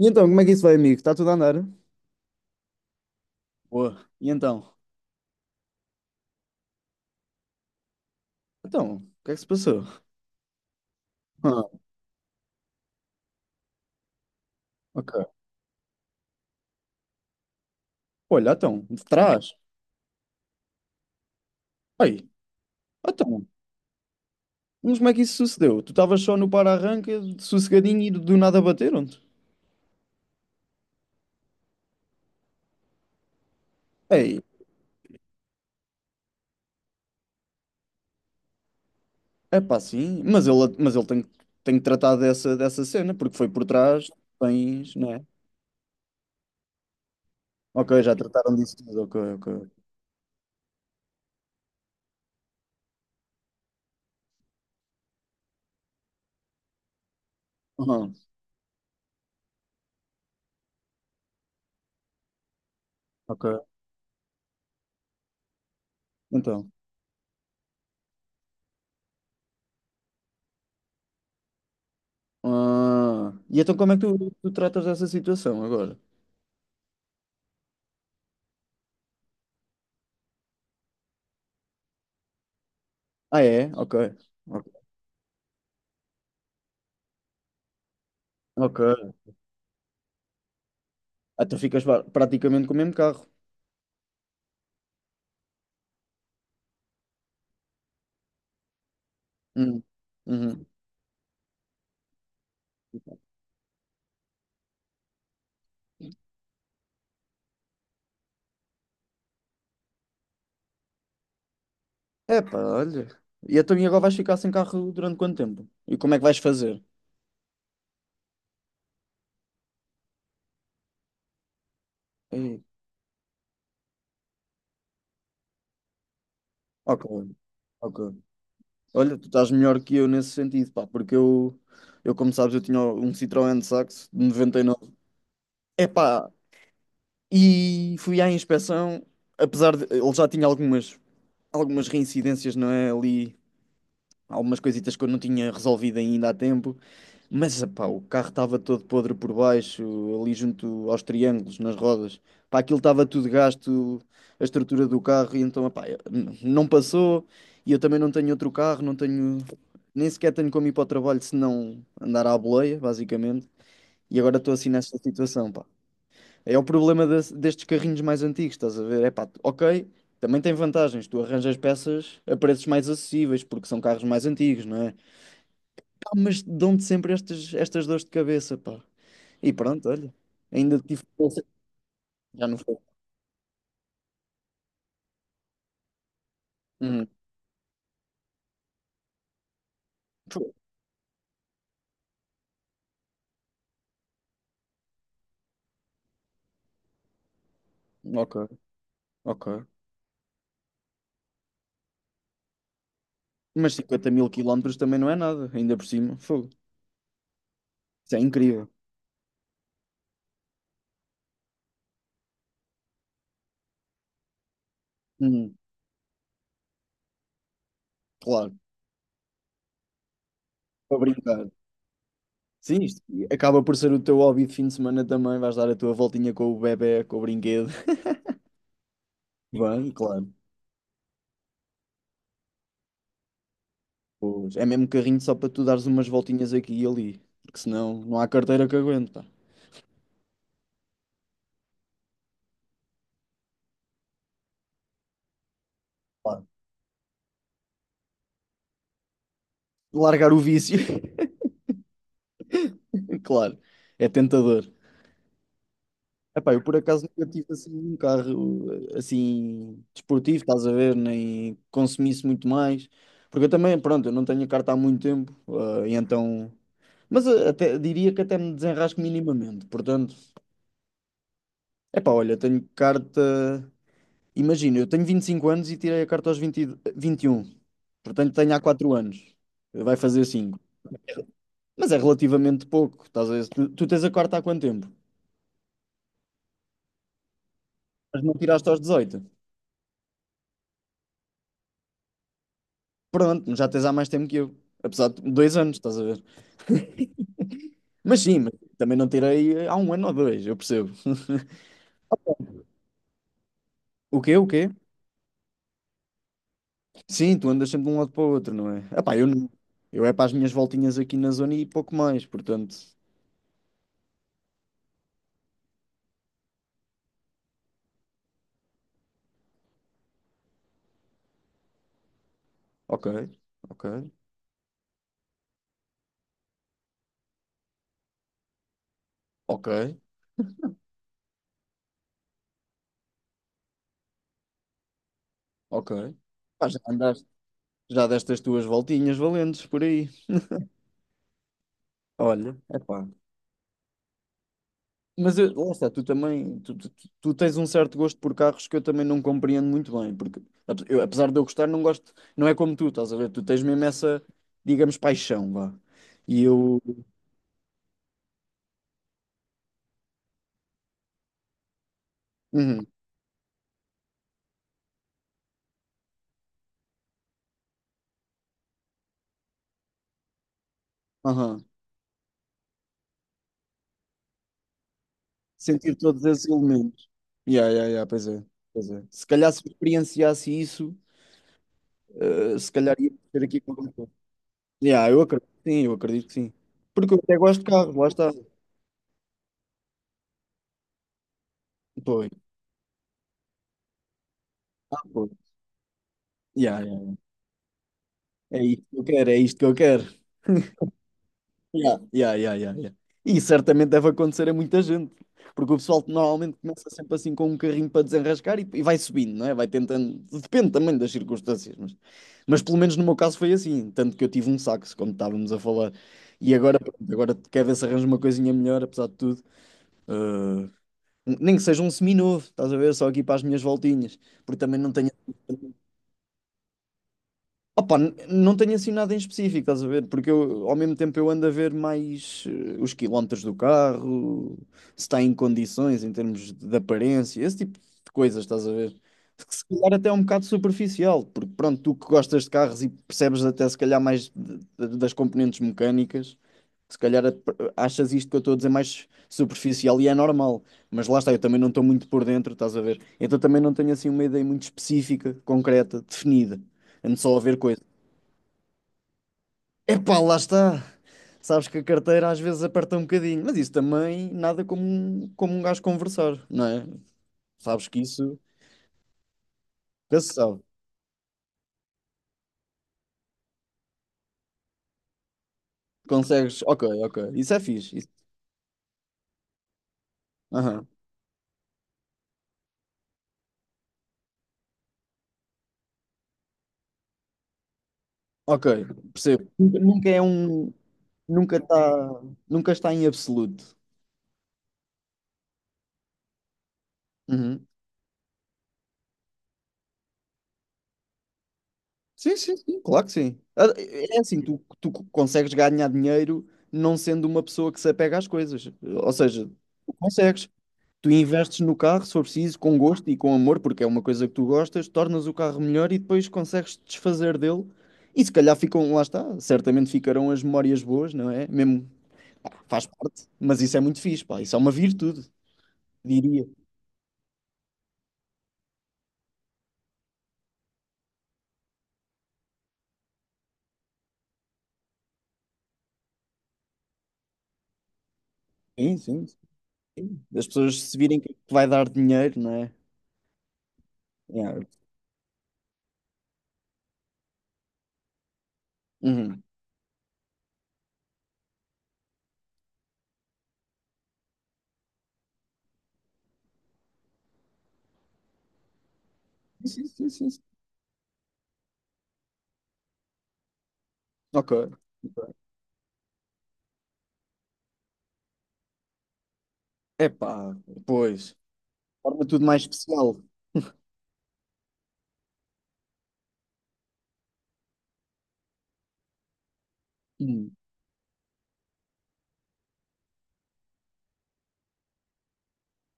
E então, como é que isso vai, amigo? Está tudo a andar? Boa. E então? Então, o que é que se passou? Ah, ok. Olha, então, de trás. Aí, então, mas como é que isso sucedeu? Tu estavas só no para-arranca, sossegadinho e do nada bateram-te? Ei, é pá, sim, mas ele tem que tratar dessa cena, porque foi por trás, tens, não é? Ok, já trataram disso tudo, ok, ok. Aham, ok, então. Ah, e então como é que tu tratas dessa situação agora? Ah, é? Ok. Ok, ok, ah, tu ficas praticamente com o mesmo carro. Uhum. Uhum. Epá, olha. E então, e agora vais ficar sem carro durante quanto tempo? E como é que vais fazer? Ei, ok, ok. Olha, tu estás melhor que eu nesse sentido, pá, porque eu como sabes, eu tinha um Citroën de Saxo de 99. Epá, e fui à inspeção, apesar de ele já tinha algumas, reincidências, não é? Ali algumas coisitas que eu não tinha resolvido ainda há tempo. Mas, pá, o carro estava todo podre por baixo, ali junto aos triângulos, nas rodas. Pá, aquilo estava tudo gasto, a estrutura do carro, e então, pá, não passou. E eu também não tenho outro carro, não tenho, nem sequer tenho como ir para o trabalho se não andar à boleia, basicamente. E agora estou assim nessa situação, pá. É o problema destes carrinhos mais antigos, estás a ver? É pá, ok, também tem vantagens, tu arranjas peças a preços mais acessíveis, porque são carros mais antigos, não é? Mas dão-te sempre estas dores de cabeça, pá. E pronto, olha, ainda tive força. Já não foi. Uhum. Fogo. Ok, ok. Mas 50 mil quilómetros também não é nada, ainda por cima. Fogo. Isso é incrível. Uhum. Claro, para brincar. Sim, isto acaba por ser o teu hobby de fim de semana também. Vais dar a tua voltinha com o bebé, com o brinquedo. Vai, claro. Pois, é mesmo carrinho só para tu dares umas voltinhas aqui e ali, porque senão não há carteira que aguente, pá. Claro. Largar o vício, claro, é tentador. Epá, eu por acaso nunca tive assim um carro assim desportivo, estás a ver, nem consumisse muito mais, porque eu também, pronto, eu não tenho a carta há muito tempo, e então, mas até diria que até me desenrasco minimamente, portanto, epá, olha, tenho carta, imagina, eu tenho 25 anos e tirei a carta aos vinte e um, portanto tenho há 4 anos, vai fazer 5, mas é relativamente pouco, estás a ver, tu tens a carta há quanto tempo? Mas não tiraste aos 18. Pronto, já tens há mais tempo que eu. Apesar de dois anos, estás a ver? Mas sim, mas também não tirei há um ano ou dois, eu percebo. O quê? O quê? Sim, tu andas sempre de um lado para o outro, não é? Ah pá, eu não. Eu é para as minhas voltinhas aqui na zona e pouco mais, portanto. Ok, ok, ok, ok. Pá, já andaste, já deste as tuas voltinhas valentes por aí. Olha, é pá. Mas eu, lá está, tu também, tu tens um certo gosto por carros que eu também não compreendo muito bem, porque eu, apesar de eu gostar, não gosto, não é como tu, estás a ver? Tu tens mesmo essa, digamos, paixão, vá. E eu, uhum, aham, sentir todos esses elementos. Yeah, yeah, yeah, pois é, pois é. Se calhar se experienciasse isso, se calhar ia ter aqui com coisa. Yeah, eu acredito, que sim, eu acredito que sim. Porque eu até gosto de carros, lá está. Pois, ah, pois. Yeah, yeah. É isto que eu quero, é isto que eu quero. Yeah, yeah, yeah, yeah, yeah. E certamente deve acontecer a muita gente, porque o pessoal normalmente começa sempre assim com um carrinho para desenrascar e vai subindo, não é? Vai tentando, depende também das circunstâncias, mas pelo menos no meu caso foi assim, tanto que eu tive um saxo, como estávamos a falar, e agora, pronto, agora quer ver se arranjo uma coisinha melhor, apesar de tudo. Ah, nem que seja um seminovo, estás a ver, só aqui para as minhas voltinhas, porque também não tenho. Opa, não tenho assim nada em específico, estás a ver? Porque eu, ao mesmo tempo eu ando a ver mais os quilómetros do carro, se está em condições em termos de aparência, esse tipo de coisas, estás a ver? Que se calhar até é um bocado superficial, porque pronto, tu que gostas de carros e percebes até se calhar mais das componentes mecânicas, se calhar achas isto que eu estou a dizer mais superficial e é normal, mas lá está, eu também não estou muito por dentro, estás a ver? Então também não tenho assim uma ideia muito específica, concreta, definida. Ando só a ver coisas. Epá, lá está. Sabes que a carteira às vezes aperta um bocadinho, mas isso também nada como, como um gajo conversar, não é? Sabes que isso nunca se sabe. Consegues, ok, ok, isso é fixe. Isso. Aham, ok, percebo. Nunca, nunca é um. Nunca está. Nunca está em absoluto. Uhum. Sim, sim, sim, claro que sim. Ah, é assim, tu consegues ganhar dinheiro não sendo uma pessoa que se apega às coisas. Ou seja, tu consegues. Tu investes no carro, se for preciso, com gosto e com amor, porque é uma coisa que tu gostas, tornas o carro melhor e depois consegues te desfazer dele. E se calhar ficam, lá está, certamente ficarão as memórias boas, não é? Mesmo, pá, faz parte, mas isso é muito fixe, pá, isso é uma virtude, diria. Sim, sim, sim. As pessoas se virem que vai dar dinheiro, não é? Yeah. Uhum. Sim, sim, sim, sim. Ok. Ok. Epá, pois. Torna tudo mais especial. Hum.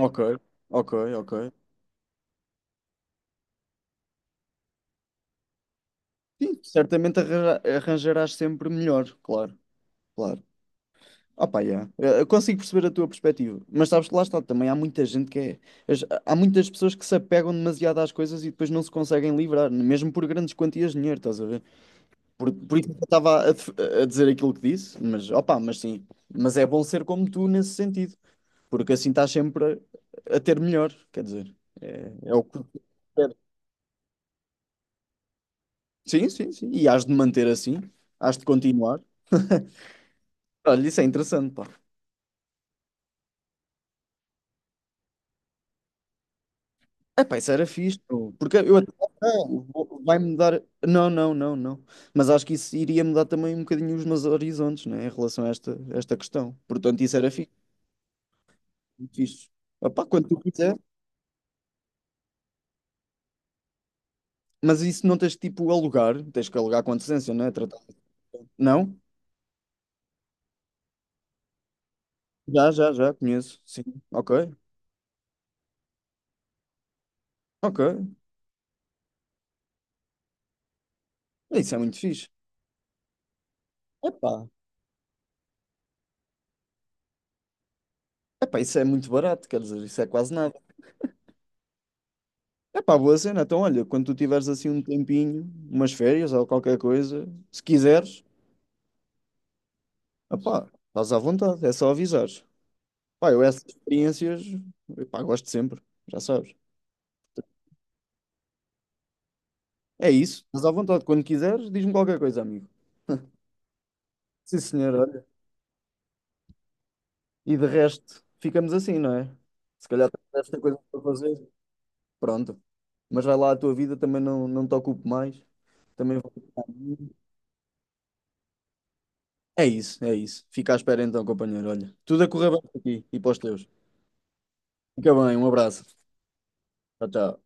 Ok, ok, ok. Sim, certamente arranjarás sempre melhor, claro, claro. Opa, yeah. Eu consigo perceber a tua perspectiva, mas sabes que lá está, também há muita gente que é. Há muitas pessoas que se apegam demasiado às coisas e depois não se conseguem livrar, mesmo por grandes quantias de dinheiro, estás a ver? Por isso que eu estava a dizer aquilo que disse, mas opa, mas sim. Mas é bom ser como tu nesse sentido, porque assim estás sempre a ter melhor, quer dizer, é o que. Sim, sim, sim. E hás de manter assim, hás de continuar. Olha, isso é interessante, pá. Epá, isso era fixe, pô, porque eu ah, vai mudar. Não, não, não, não. Mas acho que isso iria mudar também um bocadinho os meus horizontes, né, em relação a esta questão. Portanto, isso era fixe, muito fixe. Epá, quando tu quiser. Mas isso não tens que, tipo alugar, tens que alugar com antecedência, não é? Não? Já, já, já, conheço. Sim. Ok, ok. Isso é muito fixe. Epá. Epá, isso é muito barato, quer dizer, isso é quase nada. Epá, boa cena. Então, olha, quando tu tiveres assim um tempinho, umas férias ou qualquer coisa, se quiseres. Ah pá, estás à vontade, é só avisares. Pá, eu essas experiências, epá, gosto sempre, já sabes. É isso, estás à vontade. Quando quiseres, diz-me qualquer coisa, amigo. Sim, senhor, olha. E de resto, ficamos assim, não é? Se calhar também deves ter coisas para fazer. Pronto. Mas vai lá a tua vida, também não te ocupo mais. Também vou ficar à minha. É isso, é isso. Fica à espera então, companheiro. Olha, tudo a correr bem por aqui e para os teus. Fica bem, um abraço. Tchau, tchau.